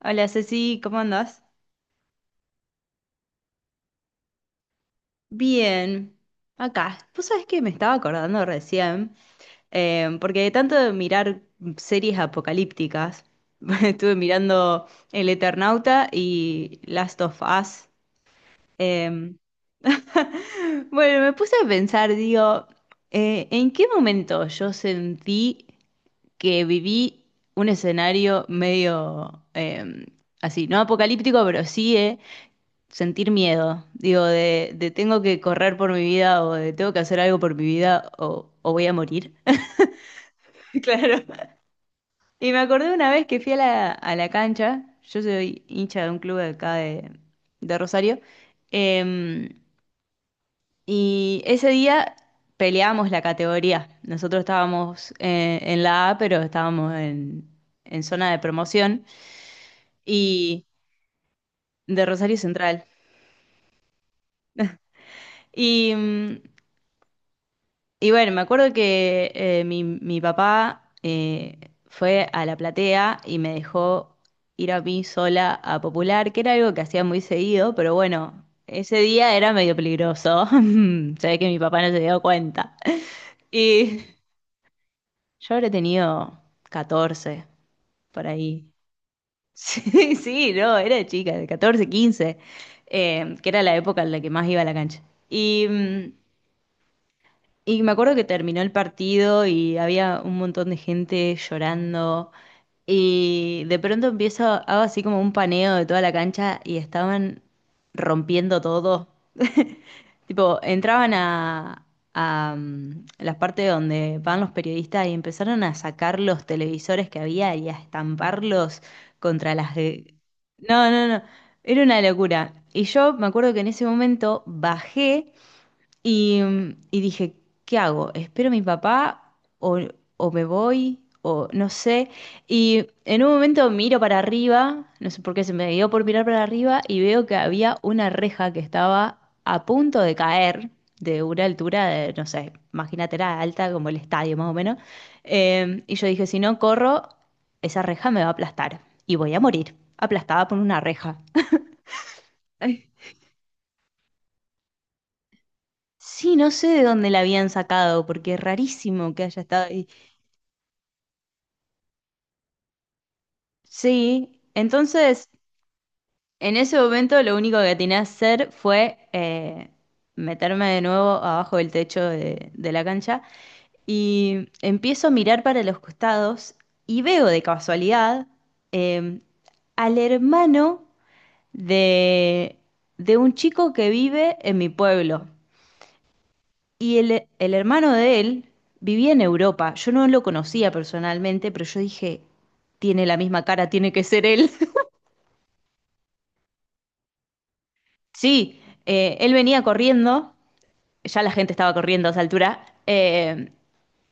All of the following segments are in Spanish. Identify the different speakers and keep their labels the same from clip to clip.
Speaker 1: Hola Ceci, ¿cómo andás? Bien, acá. Vos sabés que me estaba acordando recién, porque de tanto de mirar series apocalípticas, estuve mirando El Eternauta y Last of Us. em, Bueno, me puse a pensar, digo, ¿en qué momento yo sentí que viví un escenario medio así, no apocalíptico, pero sí, sentir miedo, digo, de tengo que correr por mi vida o de tengo que hacer algo por mi vida o voy a morir. Claro. Y me acordé una vez que fui a a la cancha. Yo soy hincha de un club de acá de Rosario, eh, y ese día peleamos la categoría. Nosotros estábamos en la A, pero estábamos en zona de promoción y de Rosario Central. Y bueno, me acuerdo que mi papá fue a la platea y me dejó ir a mí sola a Popular, que era algo que hacía muy seguido, pero bueno, ese día era medio peligroso. Se ve que mi papá no se dio cuenta. Y yo habré tenido 14 por ahí. Sí, sí, no, era chica, de 14, 15, que era la época en la que más iba a la cancha. Y mm, Y me acuerdo que terminó el partido y había un montón de gente llorando. Y de pronto empiezo, hago así como un paneo de toda la cancha y estaban rompiendo todo. Tipo, entraban a, a las partes donde van los periodistas y empezaron a sacar los televisores que había y a estamparlos contra las... gr- No, no, no, era una locura. Y yo me acuerdo que en ese momento bajé y, y dije, ¿qué hago? ¿Espero a mi papá o me voy? O no sé. Y en un momento miro para arriba, no sé por qué se me dio por mirar para arriba y veo que había una reja que estaba a punto de caer de una altura de, no sé, imagínate, era alta como el estadio más o menos. Y yo dije, si no corro, esa reja me va a aplastar y voy a morir, aplastada por una reja. Sí, no sé de dónde la habían sacado, porque es rarísimo que haya estado ahí. Sí, entonces en ese momento lo único que tenía que hacer fue meterme de nuevo abajo del techo de la cancha y empiezo a mirar para los costados y veo de casualidad eh, al hermano de, de un chico que vive en mi pueblo. Y el hermano de él vivía en Europa. Yo no lo conocía personalmente, pero yo dije, tiene la misma cara, tiene que ser él. Sí, él venía corriendo, ya la gente estaba corriendo a esa altura,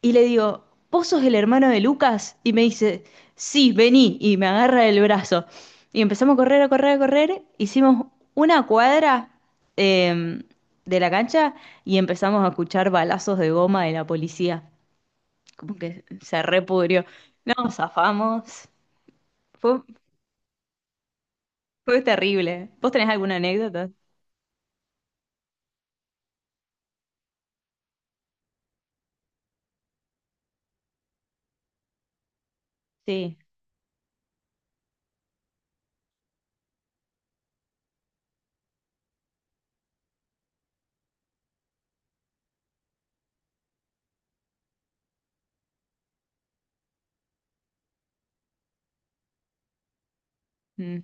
Speaker 1: y le digo, ¿vos sos el hermano de Lucas? Y me dice, sí, vení, y me agarra el brazo. Y empezamos a correr, a correr, a correr, hicimos una cuadra eh, de la cancha y empezamos a escuchar balazos de goma de la policía. Como que se repudrió. No, zafamos. Fue, fue terrible. ¿Vos tenés alguna anécdota? Sí. Mm.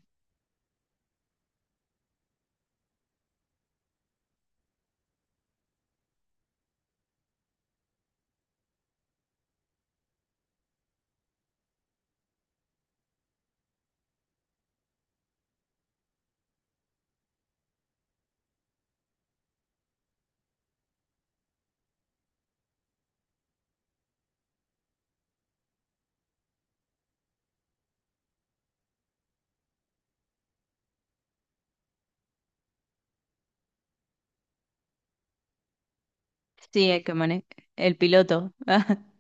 Speaker 1: Sí, el piloto,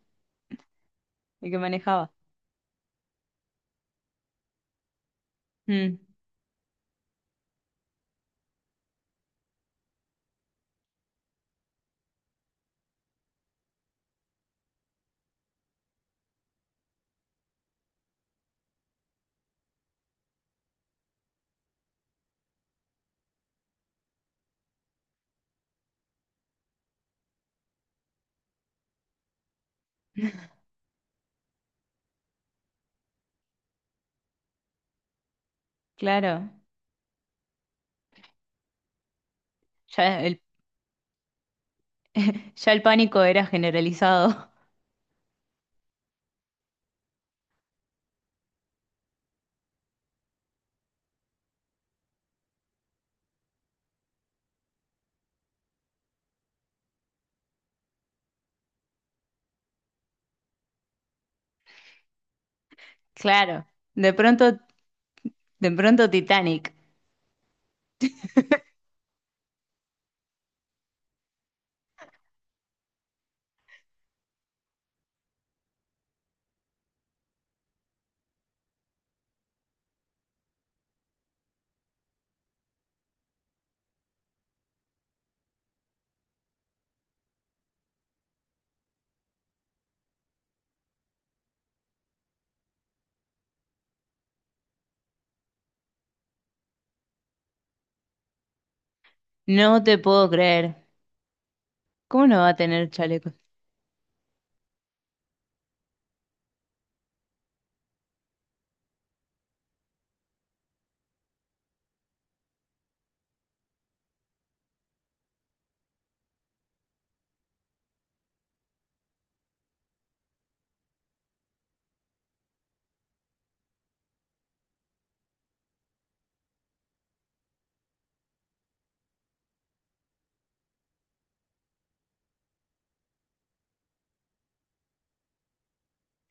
Speaker 1: el que manejaba. Mm. Claro. Ya el, ya el pánico era generalizado. Claro. De pronto, de pronto Titanic. No te puedo creer. ¿Cómo no va a tener chaleco?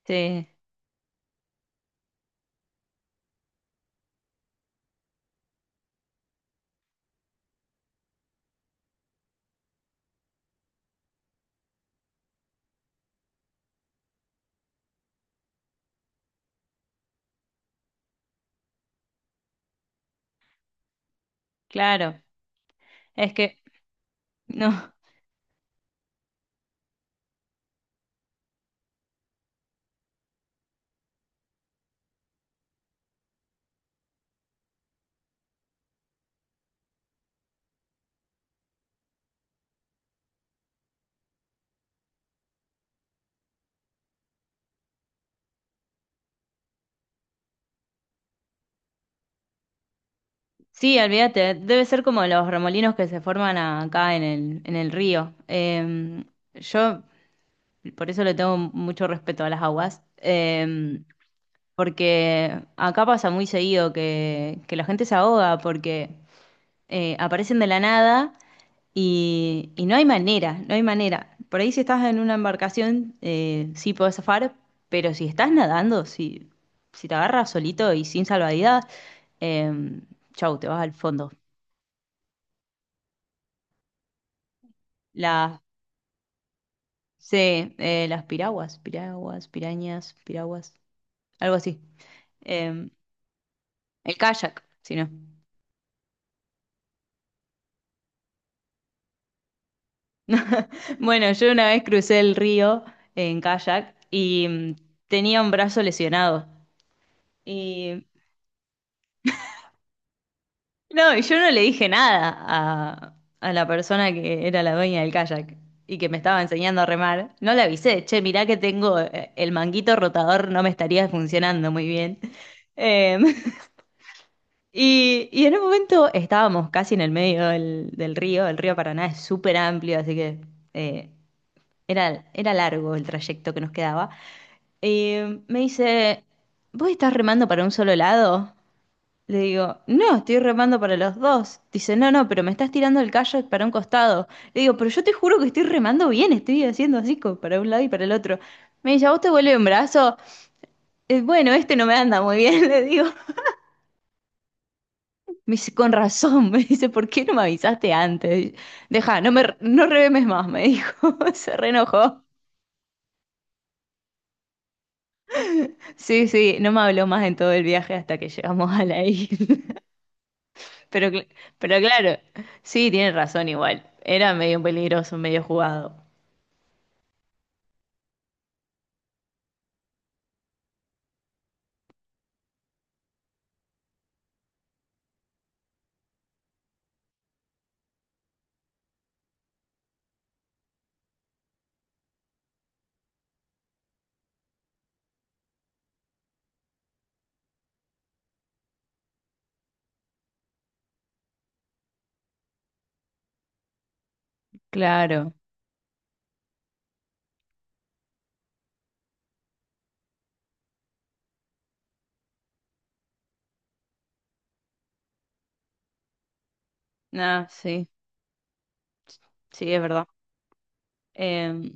Speaker 1: Sí, claro. Es que no. Sí, olvídate, debe ser como los remolinos que se forman acá en el río. Yo por eso le tengo mucho respeto a las aguas, porque acá pasa muy seguido que la gente se ahoga porque aparecen de la nada y, y no hay manera, no hay manera. Por ahí si estás en una embarcación, sí podés zafar, pero si estás nadando, si, si te agarras solito y sin salvavidas, eh, chau, te vas al fondo. Las, sí, las piraguas, piraguas, pirañas, piraguas, algo así. Em, el kayak, si no. Bueno, yo una vez crucé el río en kayak y tenía un brazo lesionado. Y no, y yo no le dije nada a, a la persona que era la dueña del kayak y que me estaba enseñando a remar. No le avisé, che, mirá que tengo el manguito rotador, no me estaría funcionando muy bien. Em, y en un momento estábamos casi en el medio del, del río. El río Paraná es súper amplio, así que eh, era, era largo el trayecto que nos quedaba. Y me dice, ¿vos estás remando para un solo lado? Le digo, no, estoy remando para los dos. Dice, no, no, pero me estás tirando el kayak para un costado. Le digo, pero yo te juro que estoy remando bien, estoy haciendo así como para un lado y para el otro. Me dice, ¿a vos te vuelve un brazo? Bueno, este no me anda muy bien, le digo. Me dice, con razón, me dice, ¿por qué no me avisaste antes? Deja, no me, no revemes más, me dijo, se reenojó. Sí, sí, no me habló más en todo el viaje hasta que llegamos a la isla. Pero, cl- pero claro, sí, tiene razón igual. Era medio peligroso, medio jugado. Claro. Ah, sí, sí, es verdad. Eh,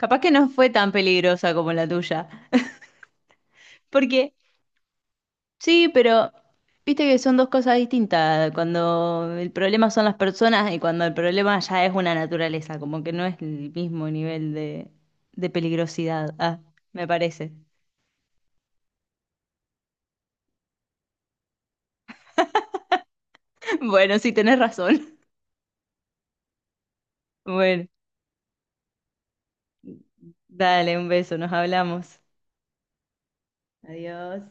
Speaker 1: capaz que no fue tan peligrosa como la tuya, porque sí, pero viste que son dos cosas distintas. Cuando el problema son las personas y cuando el problema ya es una naturaleza, como que no es el mismo nivel de peligrosidad. Ah, me parece. Bueno, sí, tenés razón. Bueno, dale un beso, nos hablamos. Adiós.